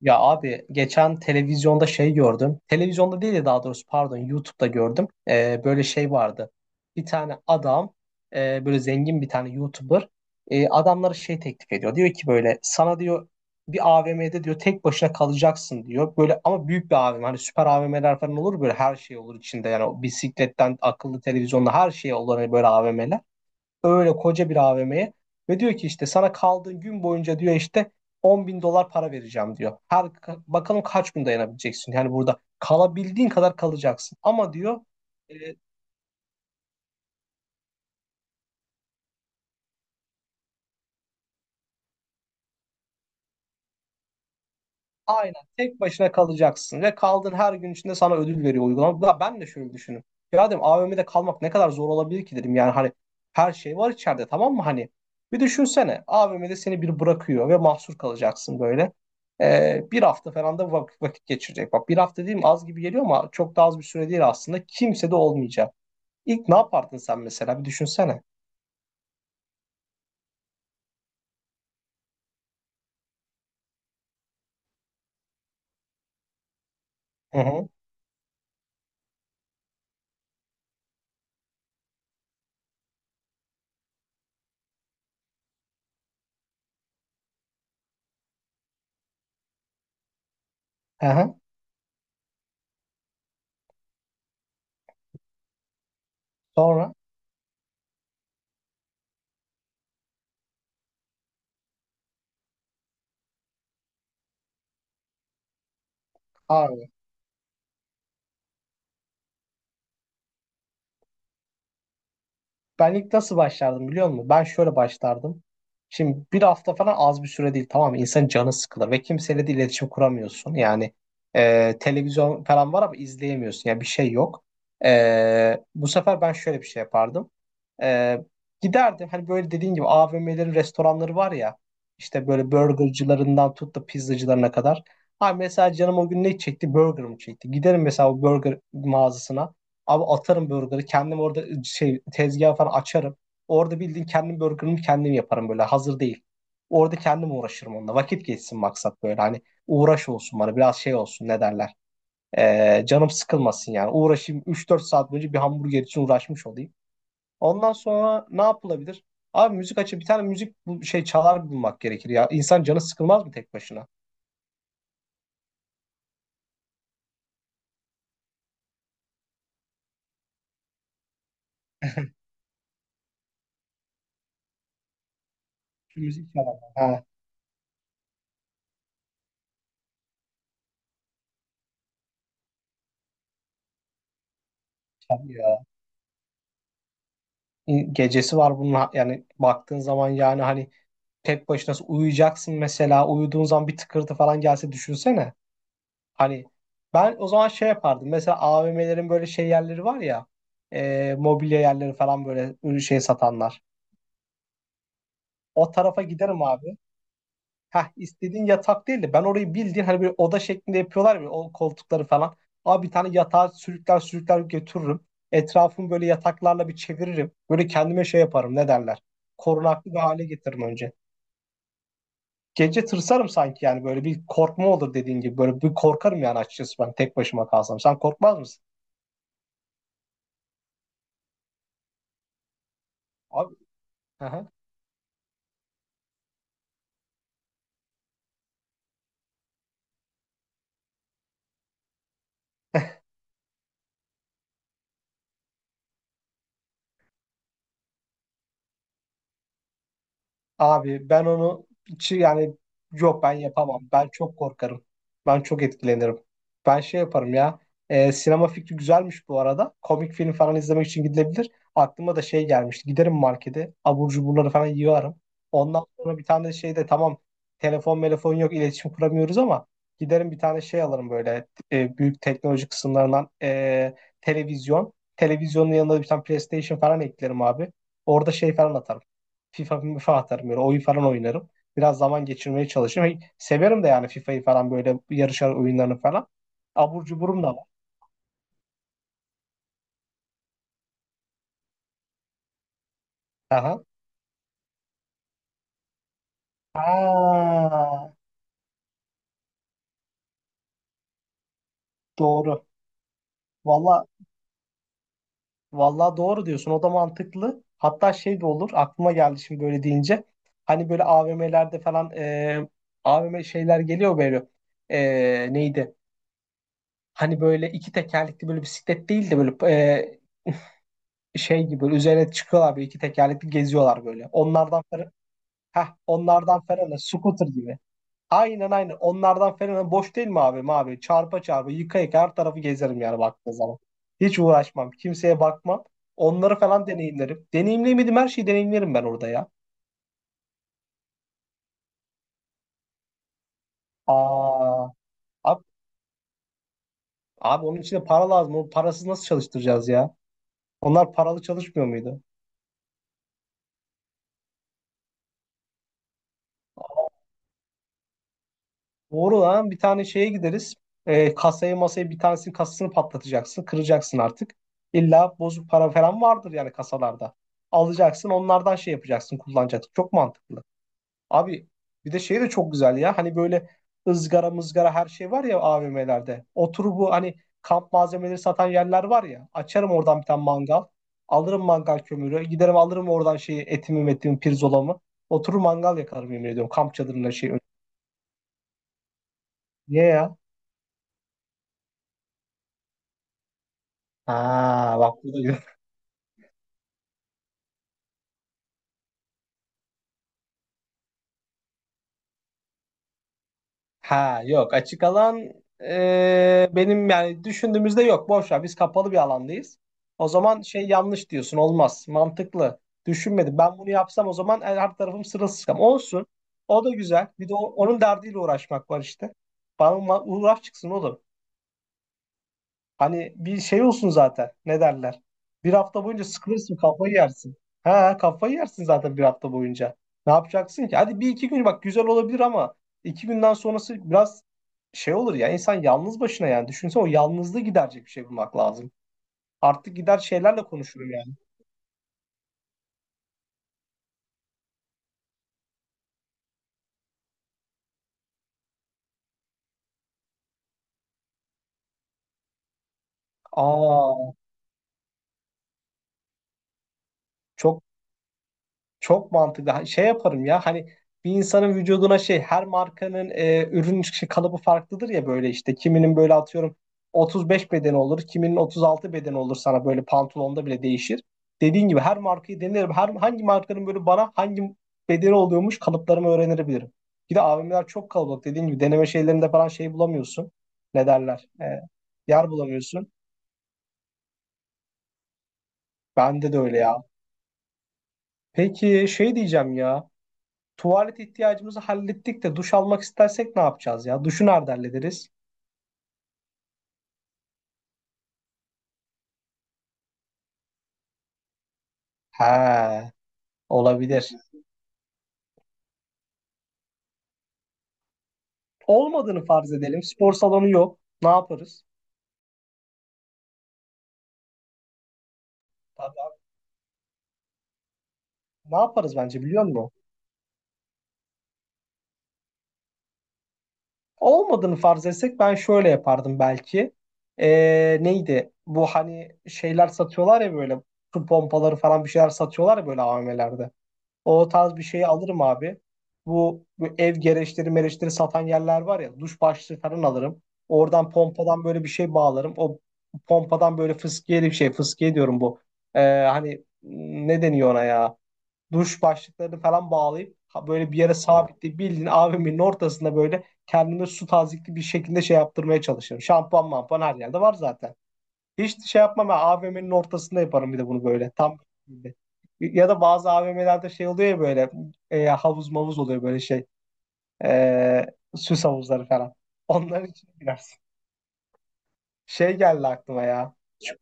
Ya abi geçen televizyonda şey gördüm. Televizyonda değil de daha doğrusu pardon YouTube'da gördüm. Böyle şey vardı. Bir tane adam böyle zengin bir tane YouTuber adamlara şey teklif ediyor. Diyor ki böyle sana diyor bir AVM'de diyor tek başına kalacaksın diyor. Böyle ama büyük bir AVM, hani süper AVM'ler falan olur böyle, her şey olur içinde. Yani o bisikletten akıllı televizyonda her şey olur, hani böyle AVM'ler, öyle koca bir AVM'ye ve diyor ki işte sana kaldığın gün boyunca diyor, işte 10.000 dolar para vereceğim diyor. Bakalım kaç gün dayanabileceksin. Yani burada kalabildiğin kadar kalacaksın. Ama diyor e, Aynen. Tek başına kalacaksın ve kaldığın her gün içinde sana ödül veriyor uygulama. Da ben de şöyle düşündüm. Ya dedim AVM'de kalmak ne kadar zor olabilir ki dedim. Yani hani her şey var içeride, tamam mı, hani? Bir düşünsene, AVM'de seni bir bırakıyor ve mahsur kalacaksın böyle. Bir hafta falan da vakit vakit geçirecek. Bak, bir hafta, değil mi, az gibi geliyor ama çok da az bir süre değil aslında. Kimse de olmayacak. İlk ne yapardın sen mesela bir düşünsene. Hı hı. Hı hı. Sonra abi. Ben ilk nasıl başlardım biliyor musun? Ben şöyle başlardım. Şimdi bir hafta falan az bir süre değil, tamam mı? İnsanın canı sıkılır ve kimseyle de iletişim kuramıyorsun. Yani televizyon falan var ama izleyemiyorsun. Yani bir şey yok. Bu sefer ben şöyle bir şey yapardım. E, Giderdim, hani böyle dediğin gibi AVM'lerin restoranları var ya. İşte böyle burgercılarından tut da pizzacılarına kadar. Ha mesela canım o gün ne çekti? Burger mı çekti? Giderim mesela o burger mağazasına. Abi, atarım burgeri. Kendim orada şey tezgah falan açarım. Orada bildiğin kendim burgerimi kendim yaparım böyle. Hazır değil. Orada kendim uğraşırım onunla. Vakit geçsin, maksat böyle. Hani uğraş olsun bana. Biraz şey olsun, ne derler. Canım sıkılmasın yani. Uğraşayım, 3-4 saat boyunca bir hamburger için uğraşmış olayım. Ondan sonra ne yapılabilir? Abi müzik açıp bir tane müzik, bu şey, çalar bulmak gerekir ya. İnsan canı sıkılmaz mı tek başına? Müzik çalar. Ha, çalıyor. Ya. Gecesi var bunun yani baktığın zaman, yani hani tek başına uyuyacaksın mesela, uyuduğun zaman bir tıkırtı falan gelse düşünsene. Hani ben o zaman şey yapardım mesela, AVM'lerin böyle şey yerleri var ya, mobilya yerleri falan, böyle ürün şey satanlar. O tarafa giderim abi. Heh, istediğin yatak değil de, ben orayı bildiğin hani bir oda şeklinde yapıyorlar ya o koltukları falan. Abi bir tane yatağı sürükler sürükler götürürüm. Etrafımı böyle yataklarla bir çeviririm. Böyle kendime şey yaparım, ne derler. Korunaklı bir hale getiririm önce. Gece tırsarım sanki, yani böyle bir korkma olur dediğin gibi. Böyle bir korkarım yani açıkçası, ben tek başıma kalsam. Sen korkmaz mısın? Abi. Aha. Abi ben onu hiç, yani yok, ben yapamam. Ben çok korkarım. Ben çok etkilenirim. Ben şey yaparım ya. Sinema fikri güzelmiş bu arada. Komik film falan izlemek için gidilebilir. Aklıma da şey gelmişti. Giderim markete. Abur cuburları falan yiyorum. Ondan sonra bir tane şey de tamam. Telefon telefon yok, iletişim kuramıyoruz ama giderim bir tane şey alırım böyle, büyük teknoloji kısımlarından, televizyon. Televizyonun yanına da bir tane PlayStation falan eklerim abi. Orada şey falan atarım. FIFA atarım böyle, oyun falan oynarım. Biraz zaman geçirmeye çalışırım. Hey, severim de yani FIFA'yı falan böyle, yarışar, oyunlarını falan. Abur cuburum da var. Aha. Ha, doğru. Valla valla doğru diyorsun. O da mantıklı. Hatta şey de olur. Aklıma geldi şimdi böyle deyince. Hani böyle AVM'lerde falan, AVM şeyler geliyor böyle. E, neydi? Hani böyle iki tekerlekli, böyle bisiklet değil de böyle şey gibi, böyle üzerine çıkıyorlar, böyle iki tekerlekli geziyorlar böyle. Heh, onlardan Ferhan'a, scooter gibi. Aynen aynen, onlardan Ferhan'a, boş değil mi abi? Abi çarpa çarpa, yıka yıka her tarafı gezerim yani baktığı zaman. Hiç uğraşmam. Kimseye bakmam. Onları falan deneyimlerim. Deneyimleyemedim, her şeyi deneyimlerim ben orada ya. Aa, abi, abi onun için de para lazım. O parasız nasıl çalıştıracağız ya? Onlar paralı çalışmıyor muydu? Doğru lan, bir tane şeye gideriz. Kasaya masaya, bir tanesinin kasasını patlatacaksın. Kıracaksın artık. İlla bozuk para falan vardır yani kasalarda. Alacaksın onlardan, şey yapacaksın, kullanacaksın. Çok mantıklı. Abi bir de şey de çok güzel ya. Hani böyle ızgara mızgara her şey var ya AVM'lerde. Oturup bu hani kamp malzemeleri satan yerler var ya. Açarım oradan bir tane mangal. Alırım mangal kömürü. Giderim alırım oradan şeyi, etimi metimi, pirzolamı. Oturur mangal yakarım, yemin ediyorum. Kamp çadırına şey. Niye ya? Ha bak, bu da güzel. Ha yok, açık alan, benim yani düşündüğümüzde yok, boş ver, biz kapalı bir alandayız. O zaman şey, yanlış diyorsun, olmaz, mantıklı düşünmedim ben, bunu yapsam o zaman her tarafım sırılsıklam olsun, o da güzel, bir de onun derdiyle uğraşmak var işte, bana uğraş çıksın oğlum. Hani bir şey olsun zaten. Ne derler? Bir hafta boyunca sıkılırsın, kafayı yersin. Ha, kafayı yersin zaten bir hafta boyunca. Ne yapacaksın ki? Hadi 1-2 gün bak güzel olabilir ama, 2 günden sonrası biraz şey olur ya insan, yalnız başına yani. Düşünsene, o yalnızlığı giderecek bir şey bulmak lazım. Artık gider şeylerle konuşurum yani. Aa, çok Çok mantıklı. Şey yaparım ya hani, bir insanın vücuduna şey, her markanın ürün çıkışı kalıbı farklıdır ya, böyle işte. Kiminin böyle atıyorum 35 beden olur, kiminin 36 beden olur sana, böyle pantolonda bile değişir. Dediğin gibi her markayı denerim. Hangi markanın böyle bana hangi bedeni oluyormuş, kalıplarımı öğrenebilirim. Bir de AVM'ler çok kalabalık. Dediğin gibi deneme şeylerinde falan şey bulamıyorsun. Ne derler? Yer bulamıyorsun. Bende de öyle ya. Peki şey diyeceğim ya. Tuvalet ihtiyacımızı hallettik de, duş almak istersek ne yapacağız ya? Duşu nerede hallederiz? He, olabilir. Olmadığını farz edelim. Spor salonu yok. Ne yaparız? Tabii abi. Ne yaparız bence, biliyor musun? Olmadığını farz etsek ben şöyle yapardım belki. Neydi? Bu hani şeyler satıyorlar ya böyle, su pompaları falan bir şeyler satıyorlar ya böyle AVM'lerde. O tarz bir şeyi alırım abi. Bu ev gereçleri mereçleri satan yerler var ya. Duş başlığı falan alırım. Oradan pompadan böyle bir şey bağlarım. O pompadan böyle fıskiye bir şey. Fıskiye diyorum bu. Hani ne deniyor ona ya? Duş başlıklarını falan bağlayıp böyle bir yere sabitleyip, bildiğin AVM'nin ortasında böyle kendime su tazikli bir şekilde şey yaptırmaya çalışırım. Şampuan mampuan her yerde var zaten. Hiç şey yapmam, ben AVM'nin ortasında yaparım bir de bunu, böyle tam böyle. Ya da bazı AVM'lerde şey oluyor ya böyle, havuz mavuz oluyor, böyle şey, e, süs havuzları falan. Onların içine girersin. Şey geldi aklıma ya. Ç-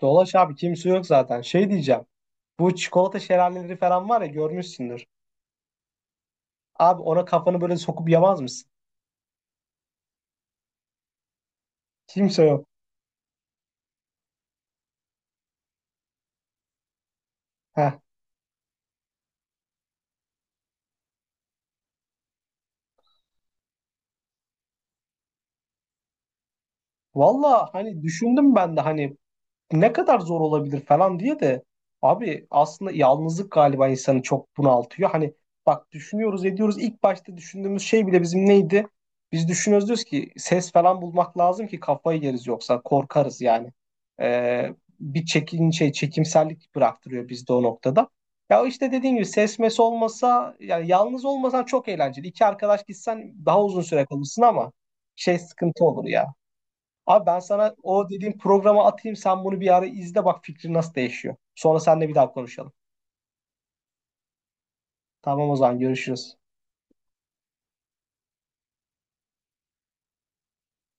Dolaş abi, kimse yok zaten. Şey diyeceğim. Bu çikolata şelaleleri falan var ya, görmüşsündür. Abi ona kafanı böyle sokup yamaz mısın? Kimse yok. Heh. Valla hani düşündüm ben de, hani ne kadar zor olabilir falan diye de, abi aslında yalnızlık galiba insanı çok bunaltıyor. Hani bak, düşünüyoruz ediyoruz, ilk başta düşündüğümüz şey bile bizim neydi? Biz düşünüyoruz diyoruz ki ses falan bulmak lazım ki kafayı yeriz, yoksa korkarız yani. Ee, bir çekin şey çekimsellik bıraktırıyor bizde o noktada. Ya işte dediğim gibi ses mes olmasa, yani yalnız olmasan, çok eğlenceli. İki arkadaş gitsen daha uzun süre kalırsın ama şey sıkıntı olur ya. Abi ben sana o dediğim programı atayım. Sen bunu bir ara izle, bak fikrin nasıl değişiyor. Sonra seninle bir daha konuşalım. Tamam o zaman, görüşürüz.